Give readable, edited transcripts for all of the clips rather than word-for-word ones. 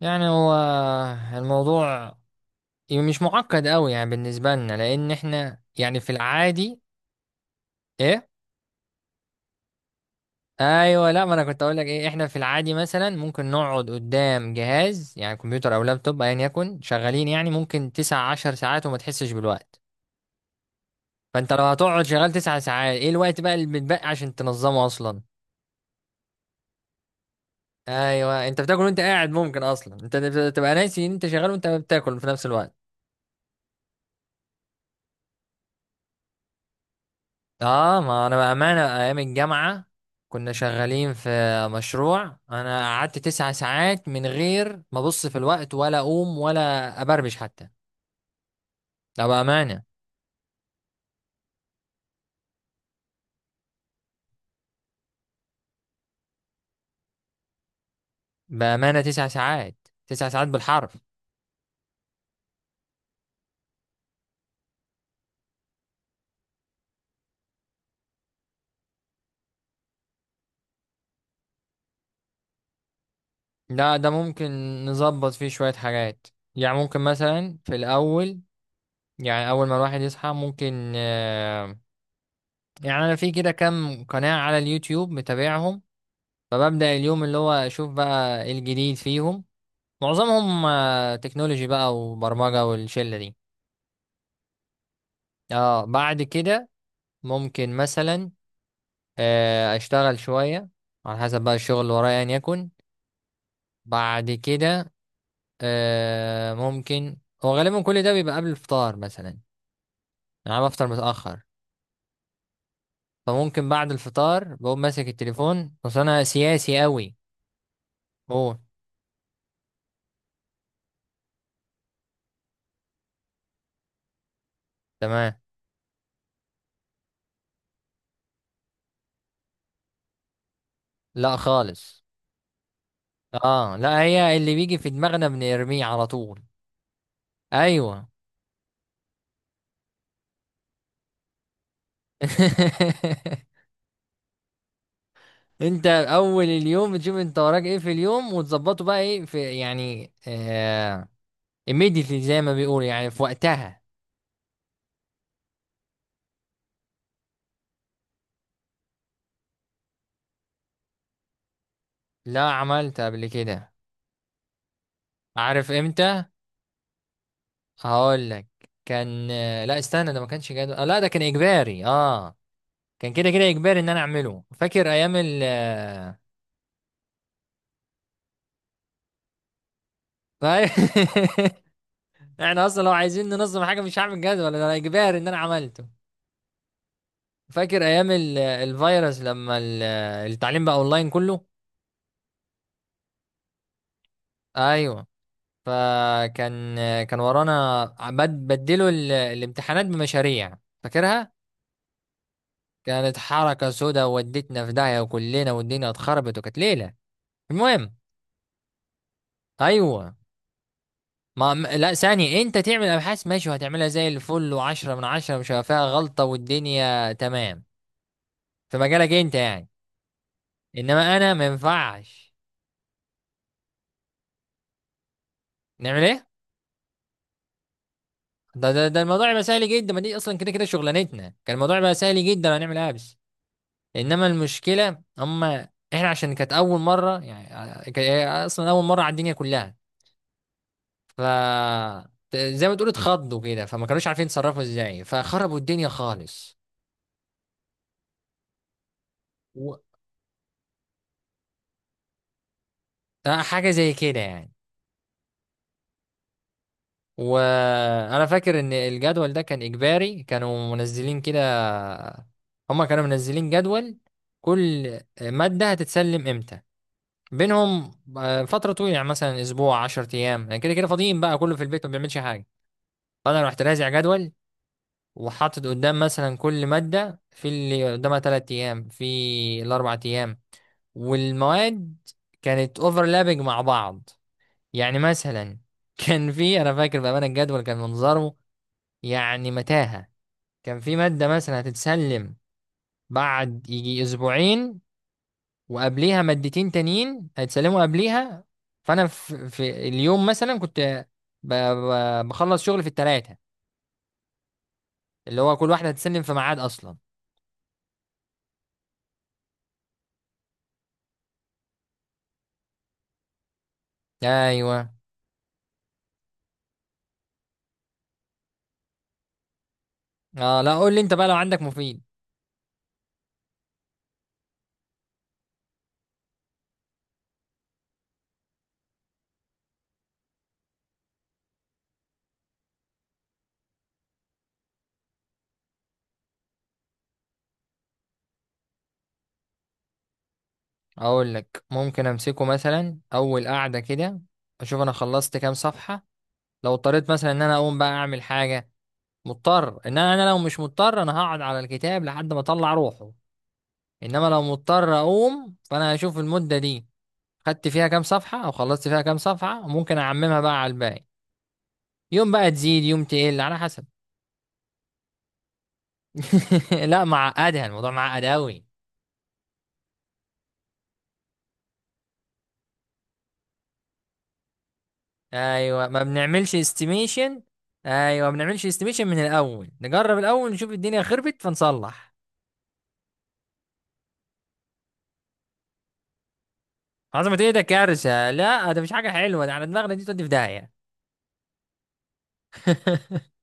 يعني هو الموضوع مش معقد قوي، يعني بالنسبة لنا، لأن احنا يعني في العادي. ايه. ايوه، لا، ما انا كنت اقول لك ايه، احنا في العادي مثلا ممكن نقعد قدام جهاز، يعني كمبيوتر او لابتوب ايا يكن، شغالين يعني ممكن 19 ساعة وما تحسش بالوقت. فانت لو هتقعد شغال 9 ساعات، ايه الوقت بقى اللي بتبقى عشان تنظمه اصلا؟ ايوه، انت بتاكل وانت قاعد، ممكن اصلا انت تبقى ناسي ان انت شغال وانت بتاكل في نفس الوقت. اه، ما انا بامانه ايام الجامعه كنا شغالين في مشروع، انا قعدت 9 ساعات من غير ما ابص في الوقت ولا اقوم ولا ابربش حتى. لا بامانه، بامانه 9 ساعات، 9 ساعات بالحرف. لا، ده ممكن نظبط فيه شويه حاجات. يعني ممكن مثلا في الاول، يعني اول ما الواحد يصحى ممكن يعني انا في كده كام قناه على اليوتيوب متابعهم، فببدأ اليوم اللي هو اشوف بقى إيه الجديد فيهم. معظمهم تكنولوجي بقى وبرمجة والشلة دي. اه، بعد كده ممكن مثلا اشتغل شوية على حسب بقى الشغل اللي ورايا ان يكن. بعد كده ممكن. هو غالبا كل ده بيبقى قبل الفطار مثلا، يعني انا بفطر متأخر. فممكن بعد الفطار بقوم ماسك التليفون، بس انا سياسي قوي. هو. تمام. لا خالص. اه لا، هي اللي بيجي في دماغنا بنرميه على طول. ايوه. انت اول اليوم بتشوف انت وراك ايه في اليوم وتظبطه بقى ايه في، يعني immediately زي ما بيقول، يعني في وقتها. لا، عملت قبل كده. عارف امتى؟ هقول لك. كان، لا استنى، ده ما كانش جدول، لا ده كان اجباري. اه، كان كده كده اجباري ان انا اعمله. فاكر ايام ال آه، احنا اصلا لو عايزين ننظم حاجه مش هعمل جدول، ده اجباري ان انا عملته. فاكر ايام الفيروس، لما التعليم بقى اونلاين كله. ايوه، فكان، كان ورانا، بدلوا الامتحانات بمشاريع، فاكرها. كانت حركة سودا، ودتنا في داهية وكلنا والدنيا اتخربت وكانت ليلة. المهم، ايوه. ما م- لا، ثانية، انت تعمل ابحاث ماشي، وهتعملها زي الفل وعشرة من عشرة مش هيبقى فيها غلطة والدنيا تمام. في مجالك انت يعني. انما انا ما ينفعش. نعمل ايه؟ ده الموضوع يبقى سهل جدا، ما دي اصلا كده كده شغلانتنا، كان الموضوع يبقى سهل جدا، هنعمل ابس. انما المشكله، هم احنا عشان كانت اول مره، يعني هي اصلا اول مره على الدنيا كلها. ف، زي ما تقول اتخضوا كده، فما كانوش عارفين يتصرفوا ازاي، فخربوا الدنيا خالص. و... حاجه زي كده يعني. وانا فاكر ان الجدول ده كان اجباري، كانوا منزلين كده. هم كانوا منزلين جدول كل ماده هتتسلم امتى، بينهم فتره طويله، يعني مثلا اسبوع 10 ايام، يعني كده كده فاضيين بقى، كله في البيت ما بيعملش حاجه. فانا رحت رازع جدول، وحاطط قدام مثلا كل مادة في اللي قدامها 3 أيام في الأربع أيام، والمواد كانت اوفرلابنج مع بعض. يعني مثلا كان في، أنا فاكر بأمانة الجدول كان منظره يعني متاهة. كان في مادة مثلا هتتسلم بعد يجي أسبوعين، وقبليها مادتين تانيين هيتسلموا قبليها. فأنا في اليوم مثلا كنت بخلص شغل في التلاتة، اللي هو كل واحدة هتتسلم في ميعاد أصلا. أيوه. اه، لا قول لي انت بقى لو عندك مفيد. اقول لك، ممكن امسكه مثلا اول قعده كده، اشوف انا خلصت كام صفحه. لو اضطريت مثلا ان انا اقوم بقى اعمل حاجه، مضطر ان أنا، لو مش مضطر انا هقعد على الكتاب لحد ما اطلع روحه. انما لو مضطر اقوم فانا هشوف المده دي خدت فيها كام صفحه او خلصت فيها كام صفحه، وممكن اعممها بقى على الباقي، يوم بقى تزيد يوم تقل على حسب. لا، معقدها، الموضوع معقد قوي. ايوه، ما بنعملش استيميشن. ايوه، ما بنعملش استيميشن من الاول، نجرب الاول نشوف الدنيا خربت فنصلح. عظمة ايه؟ ده كارثة، لا ده مش حاجة حلوة، ده على دماغنا دي تودي في داهية.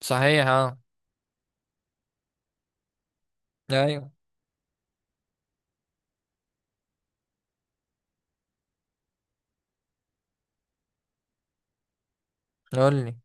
صحيح، اه. ايوه، قول لي.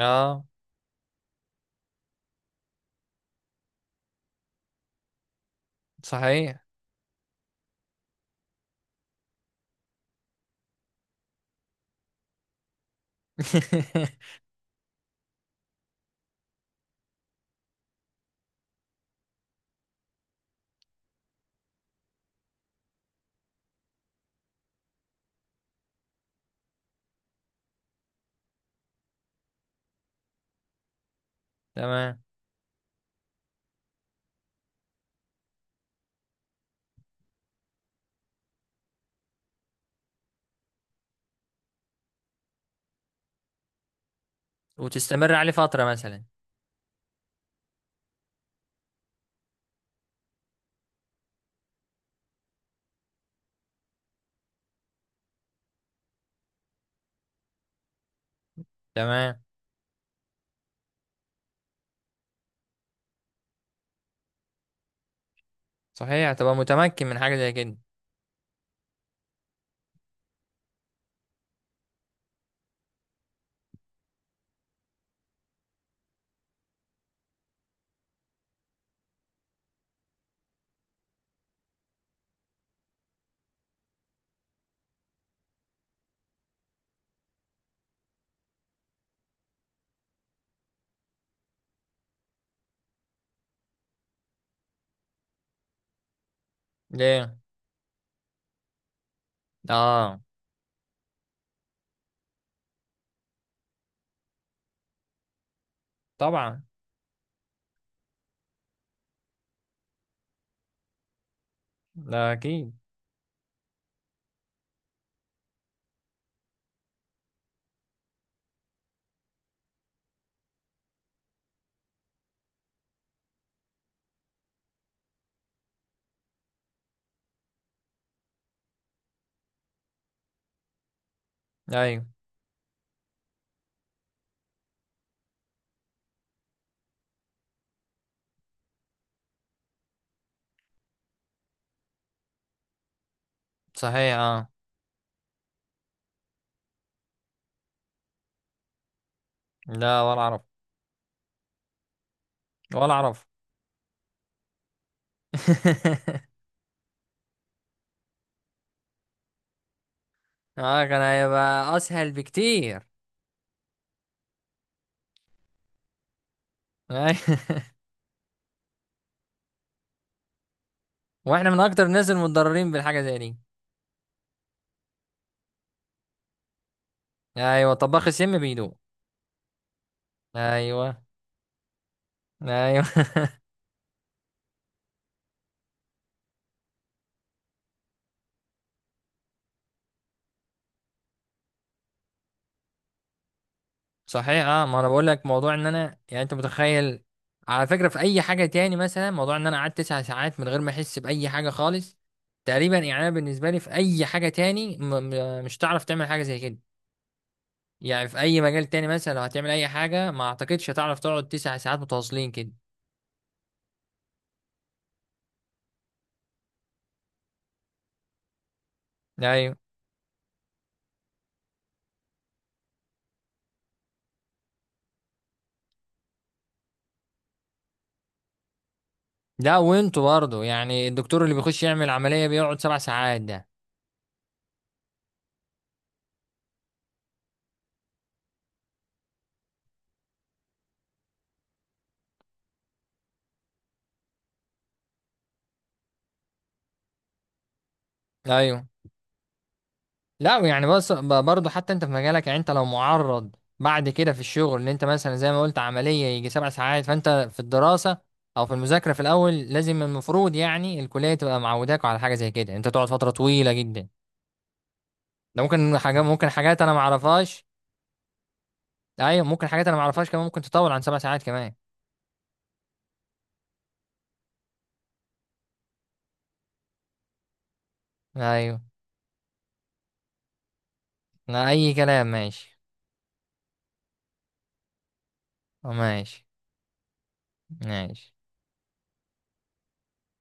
اه صحيح. تمام. وتستمر عليه فترة مثلا. تمام. صحيح، تبقى متمكن من حاجة زي كده. ليه؟ اه. طبعا. ده اكيد. ايوه صحيح. اه. لا ولا اعرف. ولا اعرف. اه، كان هيبقى اسهل بكتير. أي- واحنا من اكتر الناس المتضررين بالحاجه زي دي. ايوه، طباخ السم بيدوق. ايوه. ايوه. صحيح، اه، ما انا بقول لك موضوع ان انا، يعني انت متخيل، على فكره، في اي حاجه تاني مثلا، موضوع ان انا قعدت تسع ساعات من غير ما احس باي حاجه خالص تقريبا. يعني انا بالنسبه لي في اي حاجه تاني م م مش هتعرف تعمل حاجه زي كده. يعني في اي مجال تاني مثلا لو هتعمل اي حاجه، ما اعتقدش هتعرف تقعد 9 ساعات متواصلين كده. ايوه. لا، وانتوا برضه يعني الدكتور اللي بيخش يعمل عملية بيقعد 7 ساعات ده. ايوه. لا يعني بس برضه، حتى انت في مجالك، يعني انت لو معرض بعد كده في الشغل ان انت مثلا زي ما قلت عملية يجي 7 ساعات، فانت في الدراسة او في المذاكرة في الاول لازم، المفروض يعني الكلية تبقى معوداك على حاجة زي كده، انت تقعد فترة طويلة جدا. ده ممكن حاجة، ممكن حاجات انا ما اعرفهاش. ايوه، ممكن حاجات انا ما اعرفهاش كمان، ممكن تطول عن 7 ساعات كمان. ايوه. لا اي كلام، ماشي. ماشي. ماشي.